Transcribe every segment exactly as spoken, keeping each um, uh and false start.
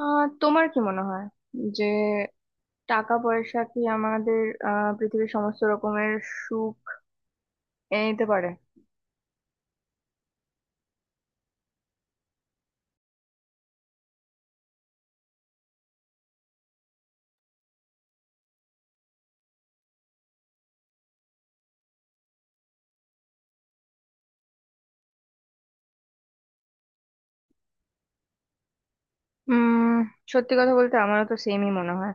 আহ তোমার কি মনে হয় যে টাকা পয়সা কি আমাদের আহ পৃথিবীর সমস্ত রকমের সুখ এনে দিতে পারে? উম, সত্যি কথা বলতে আমারও তো সেমই মনে হয়।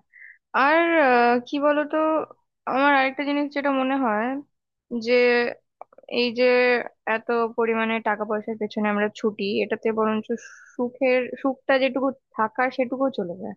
আর আহ, কি বলতো, আমার আরেকটা জিনিস যেটা মনে হয় যে এই যে এত পরিমাণে টাকা পয়সার পেছনে আমরা ছুটি এটাতে বরঞ্চ সুখের সুখটা যেটুকু থাকার সেটুকু চলে যায়।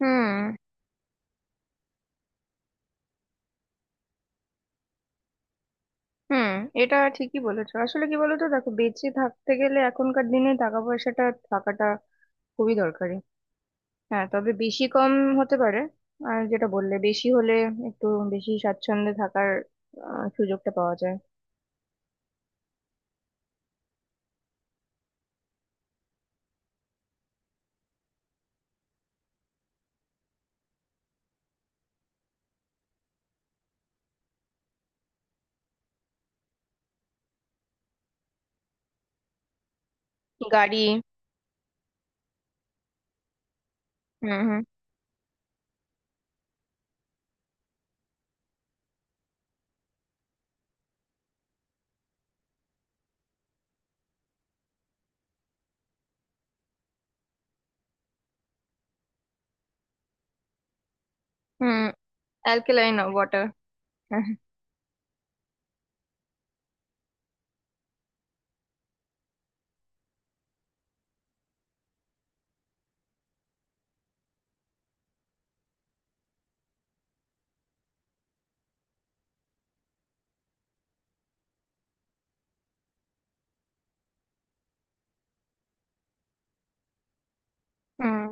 হুম, হুম। এটা ঠিকই বলেছো, আসলে কি বলতো, দেখো বেঁচে থাকতে গেলে এখনকার দিনে টাকা পয়সাটা থাকাটা খুবই দরকারি। হ্যাঁ, তবে বেশি কম হতে পারে। আর যেটা বললে, বেশি হলে একটু বেশি স্বাচ্ছন্দ্যে থাকার আহ, সুযোগটা পাওয়া যায়। গাড়ি। হুম হুম হুম। অ্যালকেলাইন ওয়াটার। হুম,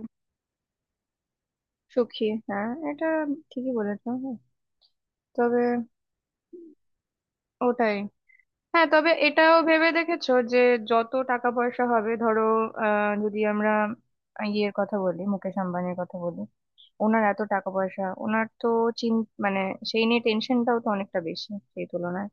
সুখী, হ্যাঁ, এটা ঠিকই বলেছো। তবে ওটাই, হ্যাঁ, তবে এটাও ভেবে দেখেছো যে যত টাকা পয়সা হবে? ধরো আহ যদি আমরা ইয়ের কথা বলি, মুকেশ আম্বানির কথা বলি, ওনার এত টাকা পয়সা, ওনার তো চিন মানে সেই নিয়ে টেনশনটাও তো অনেকটা বেশি সেই তুলনায়।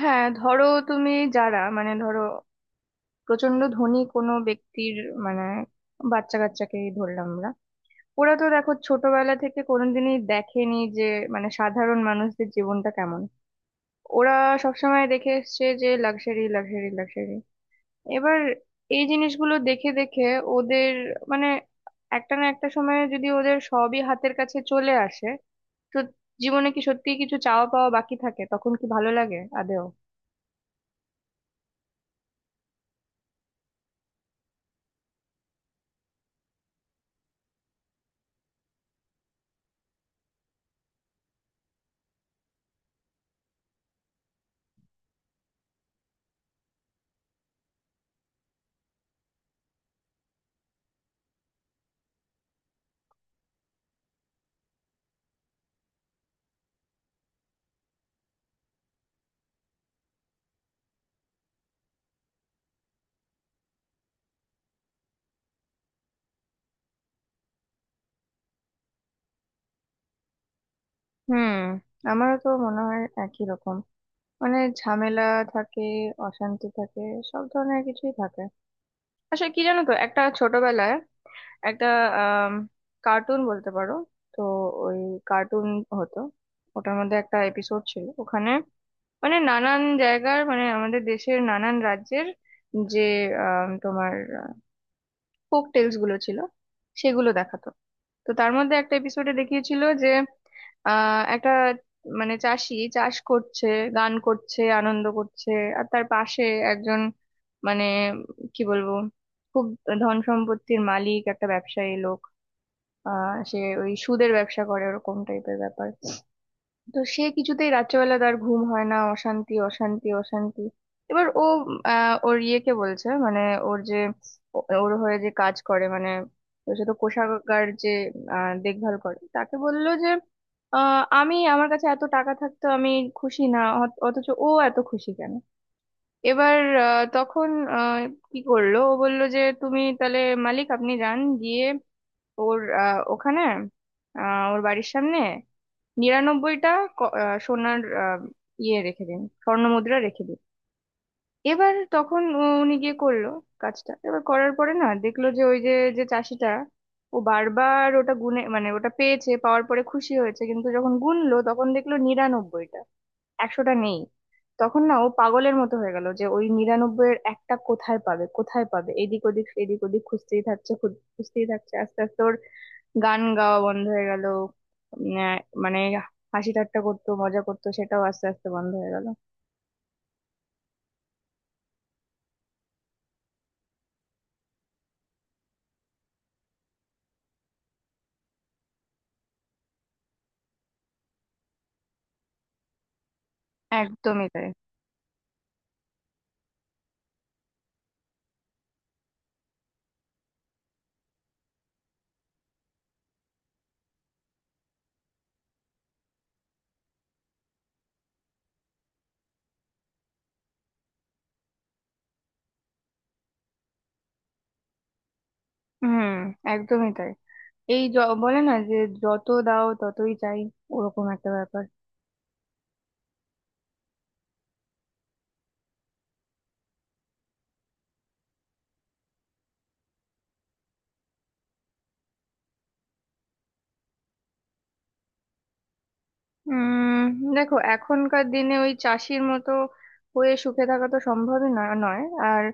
হ্যাঁ ধরো, তুমি যারা, মানে ধরো প্রচন্ড ধনী কোনো ব্যক্তির, মানে বাচ্চা কাচ্চাকেই ধরলাম আমরা। ওরা তো দেখো ছোটবেলা থেকে কোনোদিনই দেখেনি যে মানে সাধারণ মানুষদের জীবনটা কেমন। ওরা সবসময় দেখে এসছে যে লাক্সারি, লাক্সারি, লাক্সারি। এবার এই জিনিসগুলো দেখে দেখে ওদের মানে একটা না একটা সময়ে যদি ওদের সবই হাতের কাছে চলে আসে, তো জীবনে কি সত্যিই কিছু চাওয়া পাওয়া বাকি থাকে? তখন কি ভালো লাগে আদেও? হুম, আমারও তো মনে হয় একই রকম। মানে ঝামেলা থাকে, অশান্তি থাকে, সব ধরনের কিছুই থাকে। আসলে কি জানো তো, একটা ছোটবেলায় একটা আহ কার্টুন বলতে পারো, তো ওই কার্টুন হতো, ওটার মধ্যে একটা এপিসোড ছিল। ওখানে মানে নানান জায়গার, মানে আমাদের দেশের নানান রাজ্যের যে আম, তোমার ফোক টেলস গুলো ছিল, সেগুলো দেখাতো। তো তার মধ্যে একটা এপিসোডে দেখিয়েছিল যে আহ একটা, মানে চাষি চাষ করছে, গান করছে, আনন্দ করছে। আর তার পাশে একজন, মানে কি বলবো, খুব ধন সম্পত্তির মালিক একটা ব্যবসায়ী লোক, আহ, সে ওই সুদের ব্যবসা করে, ওরকম টাইপের ব্যাপার। তো সে কিছুতেই রাত্রেবেলা তার ঘুম হয় না, অশান্তি, অশান্তি, অশান্তি। এবার ও আহ, ওর ইয়েকে বলছে, মানে ওর যে, ও- ওর হয়ে যে কাজ করে, মানে তো সে তো কোষাগার যে আহ, দেখভাল করে, তাকে বললো যে আহ, আমি, আমার কাছে এত টাকা থাকতো, আমি খুশি না, অথ- অথচ ও এত খুশি কেন? এবার আহ, তখন আহ, কি করলো, ও বললো যে তুমি তাহলে মালিক, আপনি যান গিয়ে ওর আহ, ওখানে আহ, ওর বাড়ির সামনে নিরানব্বইটা ক- আহ, সোনার আহ, ইয়ে রেখে দিন, স্বর্ণ মুদ্রা রেখে দিন। এবার তখন উ- উনি গিয়ে করলো কাজটা। এবার করার পরে না দেখলো যে ওই যে, যে চাষিটা, ও বারবার ওটা গুনে মানে ওটা পেয়েছে, পাওয়ার পরে খুশি হয়েছে, কিন্তু যখন গুনলো তখন দেখলো নিরানব্বইটা, একশোটা নেই। তখন না ও পাগলের মতো হয়ে গেল যে ওই নিরানব্বইয়ের একটা কোথায় পাবে, কোথায় পাবে, এদিক ওদিক, এদিক ওদিক খুঁজতেই থাকছে, খু- খুঁজতেই থাকছে। আস্তে আস্তে ওর গান গাওয়া বন্ধ হয়ে গেল। উম, আহ, মানে হাসি ঠাট্টা করতো, মজা করতো, সেটাও আস্তে আস্তে বন্ধ হয়ে গেল। একদমই তাই। হুম, একদমই তাই। এই য- বলে না যে যত দাও ততই চাই, ওরকম একটা ব্যাপার। উম, দেখো এখনকার দিনে ওই চাষির মতো হয়ে সুখে থাকা তো সম্ভবই না, নয়। আর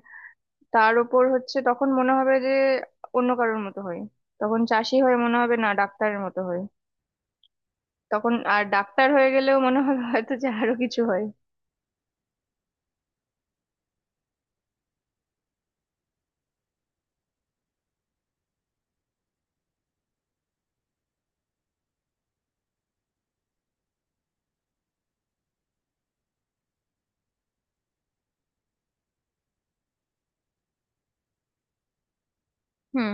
তার উপর হচ্ছে তখন মনে হবে যে অন্য কারোর মতো হয়। তখন চাষি হয়ে মনে হবে না ডাক্তারের মতো হয়, তখন আর ডাক্তার হয়ে গেলেও মনে হবে হয়তো যে আরো কিছু হয়। হুম।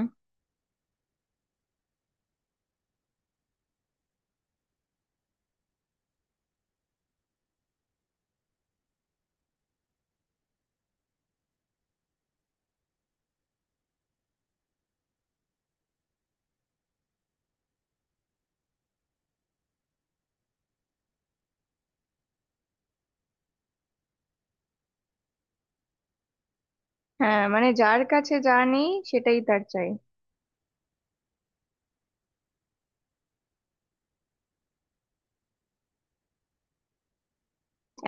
হ্যাঁ, মানে যার কাছে যা নেই সেটাই তার চাই।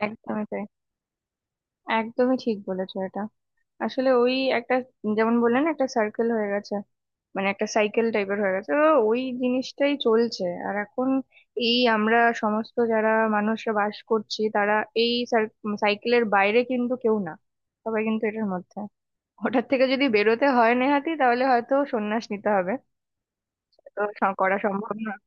একদমই তাই, একদমই ঠিক বলেছো এটা। আসলে ওই একটা, যেমন বললেন না, একটা সার্কেল হয়ে গেছে, মানে একটা সাইকেল টাইপের হয়ে গেছে। তো ওই জিনিসটাই চলছে আর এখন এই আমরা সমস্ত যারা মানুষরা বাস করছি তারা এই সাইকেলের বাইরে কিন্তু কেউ না, সবাই কিন্তু এটার মধ্যে। ওটার থেকে যদি বেরোতে হয় নেহাতি তাহলে হয়তো সন্ন্যাস নিতে হবে। তো স- করা সম্ভব নয়।